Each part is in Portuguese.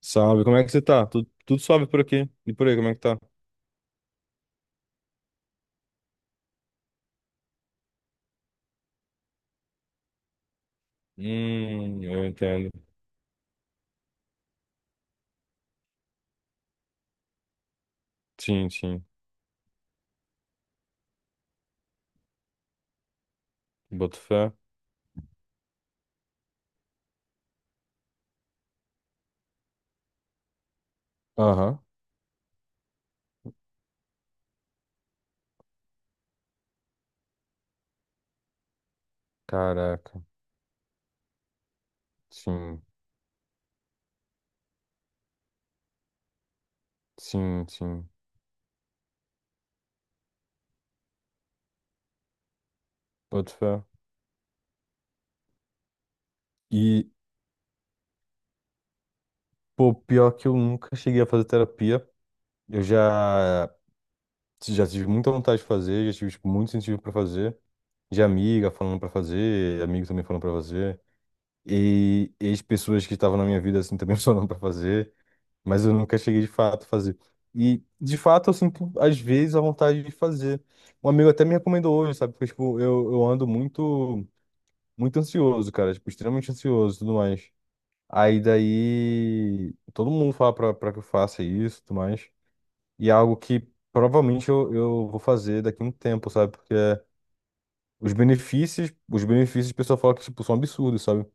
Salve, como é que você tá? Tudo, tudo suave por aqui. E por aí, como é que tá? Eu entendo. Sim, sim. Boto fé. Aham. Caraca. Sim, sim, sim. Boto fé. E, pior que eu nunca cheguei a fazer terapia. Eu já, já tive muita vontade de fazer, já tive, tipo, muito incentivo pra fazer. De amiga falando pra fazer, amigos também falando pra fazer. E ex-pessoas que estavam na minha vida, assim, também falando pra fazer. Mas eu nunca cheguei de fato a fazer. E de fato eu sinto às vezes a vontade de fazer. Um amigo até me recomendou hoje, sabe? Porque tipo, eu ando muito muito ansioso, cara, tipo, extremamente ansioso e tudo mais. Aí daí todo mundo fala pra que eu faça isso e tudo mais. E é algo que provavelmente eu vou fazer daqui a um tempo, sabe? Porque os benefícios o pessoal fala que tipo, são absurdos, sabe?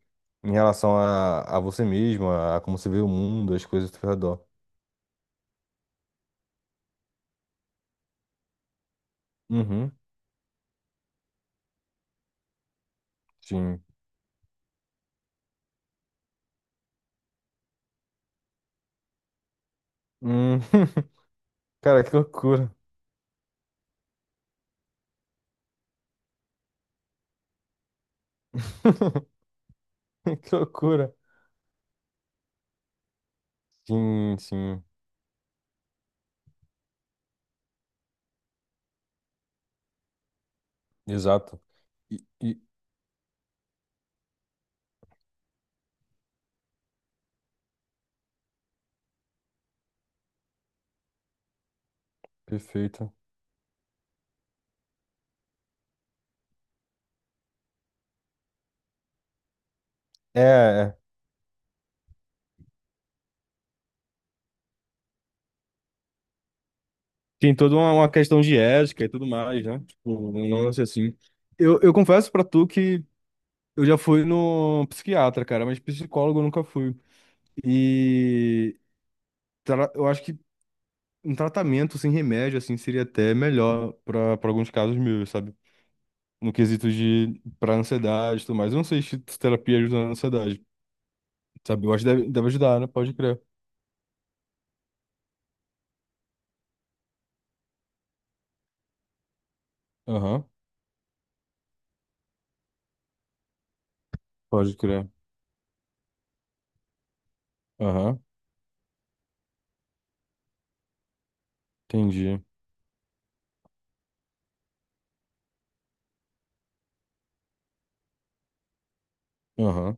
Em relação a você mesmo, a, como você vê o mundo, as coisas ao seu redor. Uhum, sim. Hum, cara, que loucura. Que loucura. Sim, sim, exato. E, e- perfeito. É, é. Tem toda uma questão de ética e tudo mais, né? Tipo, não lance assim. Eu confesso pra tu que eu já fui no psiquiatra, cara, mas psicólogo eu nunca fui. E eu acho que um tratamento sem remédio, assim, seria até melhor pra alguns casos meus, sabe? No quesito de pra ansiedade e tudo mais. Eu não sei se terapia ajuda na ansiedade. Sabe, eu acho que deve, deve ajudar, né? Pode crer. Aham, pode crer. Aham, entendi. Aham.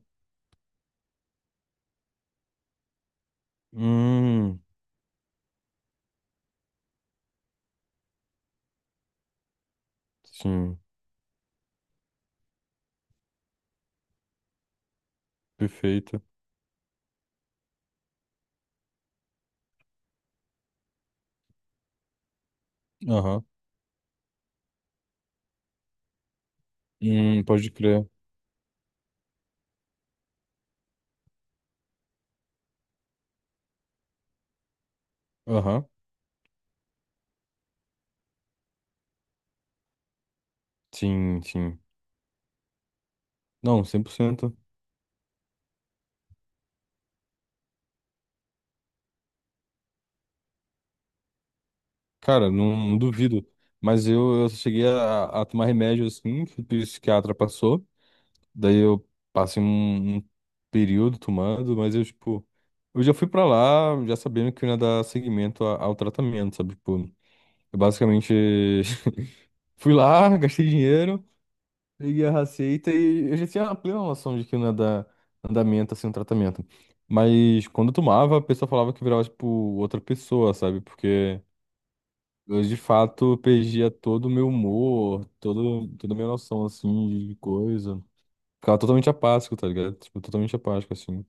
Hum, sim, perfeito. Aham. Pode crer. Aham, sim, sim. Não, cem por cento. Cara, não, não duvido. Mas eu só cheguei a tomar remédio assim, que o psiquiatra passou. Daí eu passei um período tomando, mas eu, tipo, eu já fui pra lá já sabendo que eu ia dar seguimento ao tratamento, sabe? Tipo, eu basicamente. Fui lá, gastei dinheiro, peguei a receita e eu já tinha a plena noção de que não ia dar andamento, assim, um tratamento. Mas quando eu tomava, a pessoa falava que virava, tipo, outra pessoa, sabe? Porque eu, de fato, perdia todo o meu humor, todo, toda a minha noção, assim, de coisa. Ficava totalmente apático, tá ligado? Tipo, totalmente apático, assim.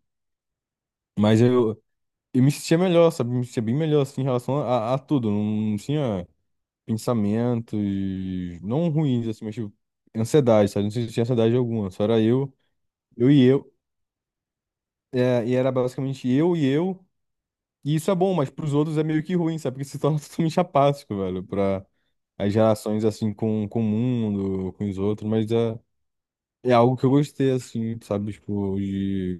Mas eu, eu me sentia melhor, sabe? Me sentia bem melhor, assim, em relação a tudo. Não tinha pensamentos não ruins, assim, mas tipo, ansiedade, sabe? Não sei se tinha ansiedade alguma, só era eu, eu e eu, e era basicamente eu, e isso é bom, mas pros outros é meio que ruim, sabe? Porque se torna totalmente apático, velho, pra as relações, assim, com o mundo, com os outros, mas é, é algo que eu gostei, assim, sabe? Tipo, de,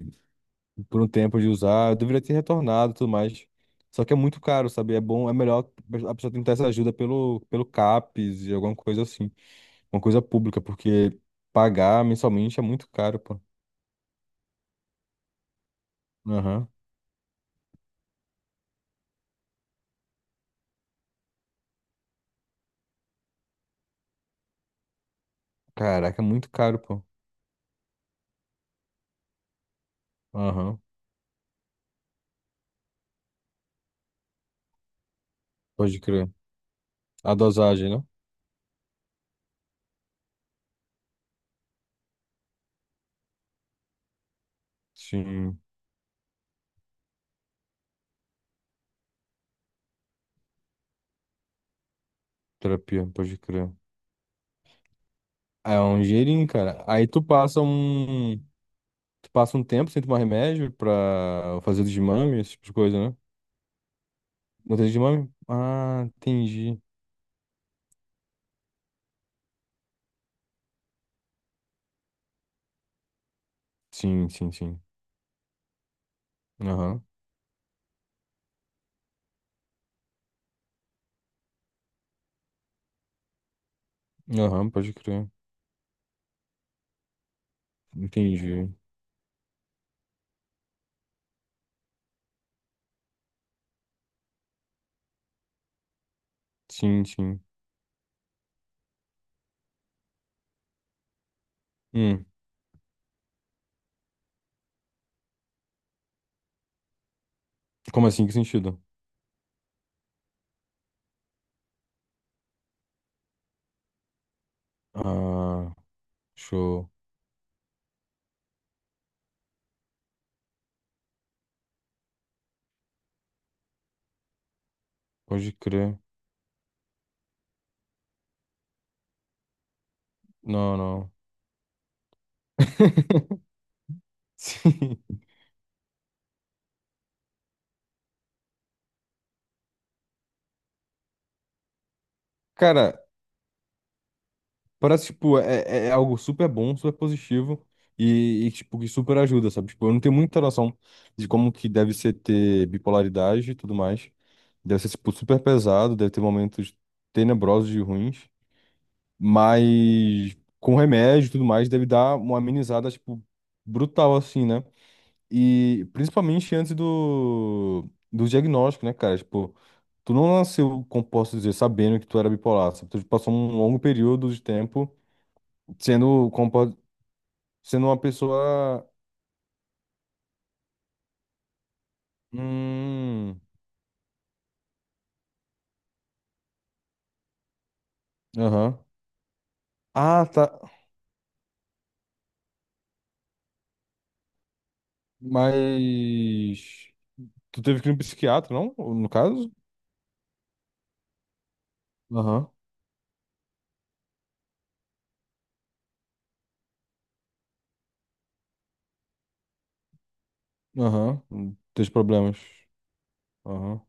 por um tempo de usar, eu deveria ter retornado e tudo mais. Só que é muito caro, sabe? É bom, é melhor a pessoa tentar essa ajuda pelo CAPES e alguma coisa assim. Uma coisa pública, porque pagar mensalmente é muito caro, pô. Aham. Caraca, é muito caro, pô. Aham. Pode crer. A dosagem, né? Sim, terapia, pode crer. É um dinheirinho, cara. Aí tu passa um. Tu passa um tempo sem tomar remédio pra fazer desmame, esse tipo de coisa, né? Não tem desmame? Ah, entendi. Sim, sim, sim. Aham. Aham, pode crer. Entendi. Sim, sim. Hum. Como assim? Que sentido? Ah, show. Pode crer. Não, não. Sim. Cara, parece, tipo, é algo super bom, super positivo tipo, que super ajuda, sabe? Tipo, eu não tenho muita noção de como que deve ser ter bipolaridade e tudo mais. Deve ser, tipo, super pesado, deve ter momentos tenebrosos e ruins, mas com remédio e tudo mais deve dar uma amenizada, tipo, brutal, assim, né? E principalmente antes do diagnóstico, né, cara? Tipo, tu não nasceu, como posso dizer, sabendo que tu era bipolar, sabe? Tu passou um longo período de tempo sendo, sendo uma pessoa. Hum. Aham. Ah, tá. Mas. Tu teve que ir no psiquiatra, não? No caso? Aham. Aham. Teus problemas. Aham.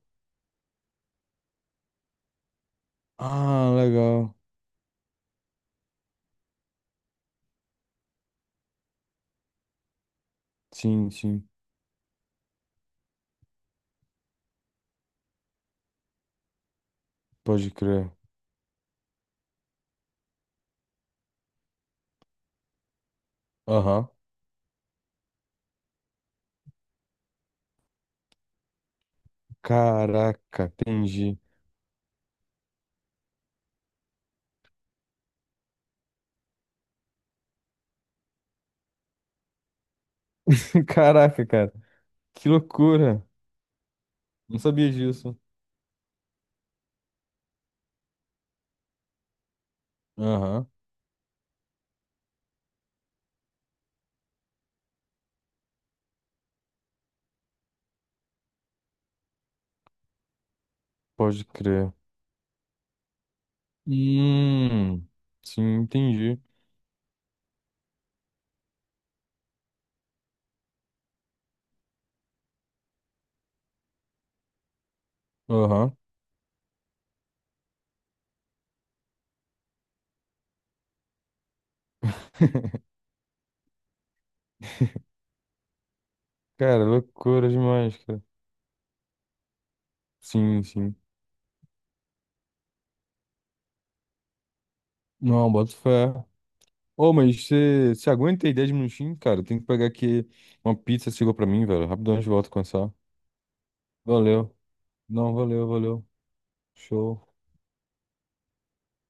Ah, legal. Sim, sim. Pode crer. Aham. Caraca, entendi. Caraca, cara. Que loucura. Não sabia disso. Aham. Pode crer. Hum, sim, entendi. Aham. Cara, loucura demais, cara. Sim, sim. Não, bota fé. Ô, mas você aguenta aí 10 minutinhos, cara? Tem que pegar aqui uma pizza, chegou pra mim, velho. Rapidão de volta com essa. Valeu. Não, valeu, valeu. Show.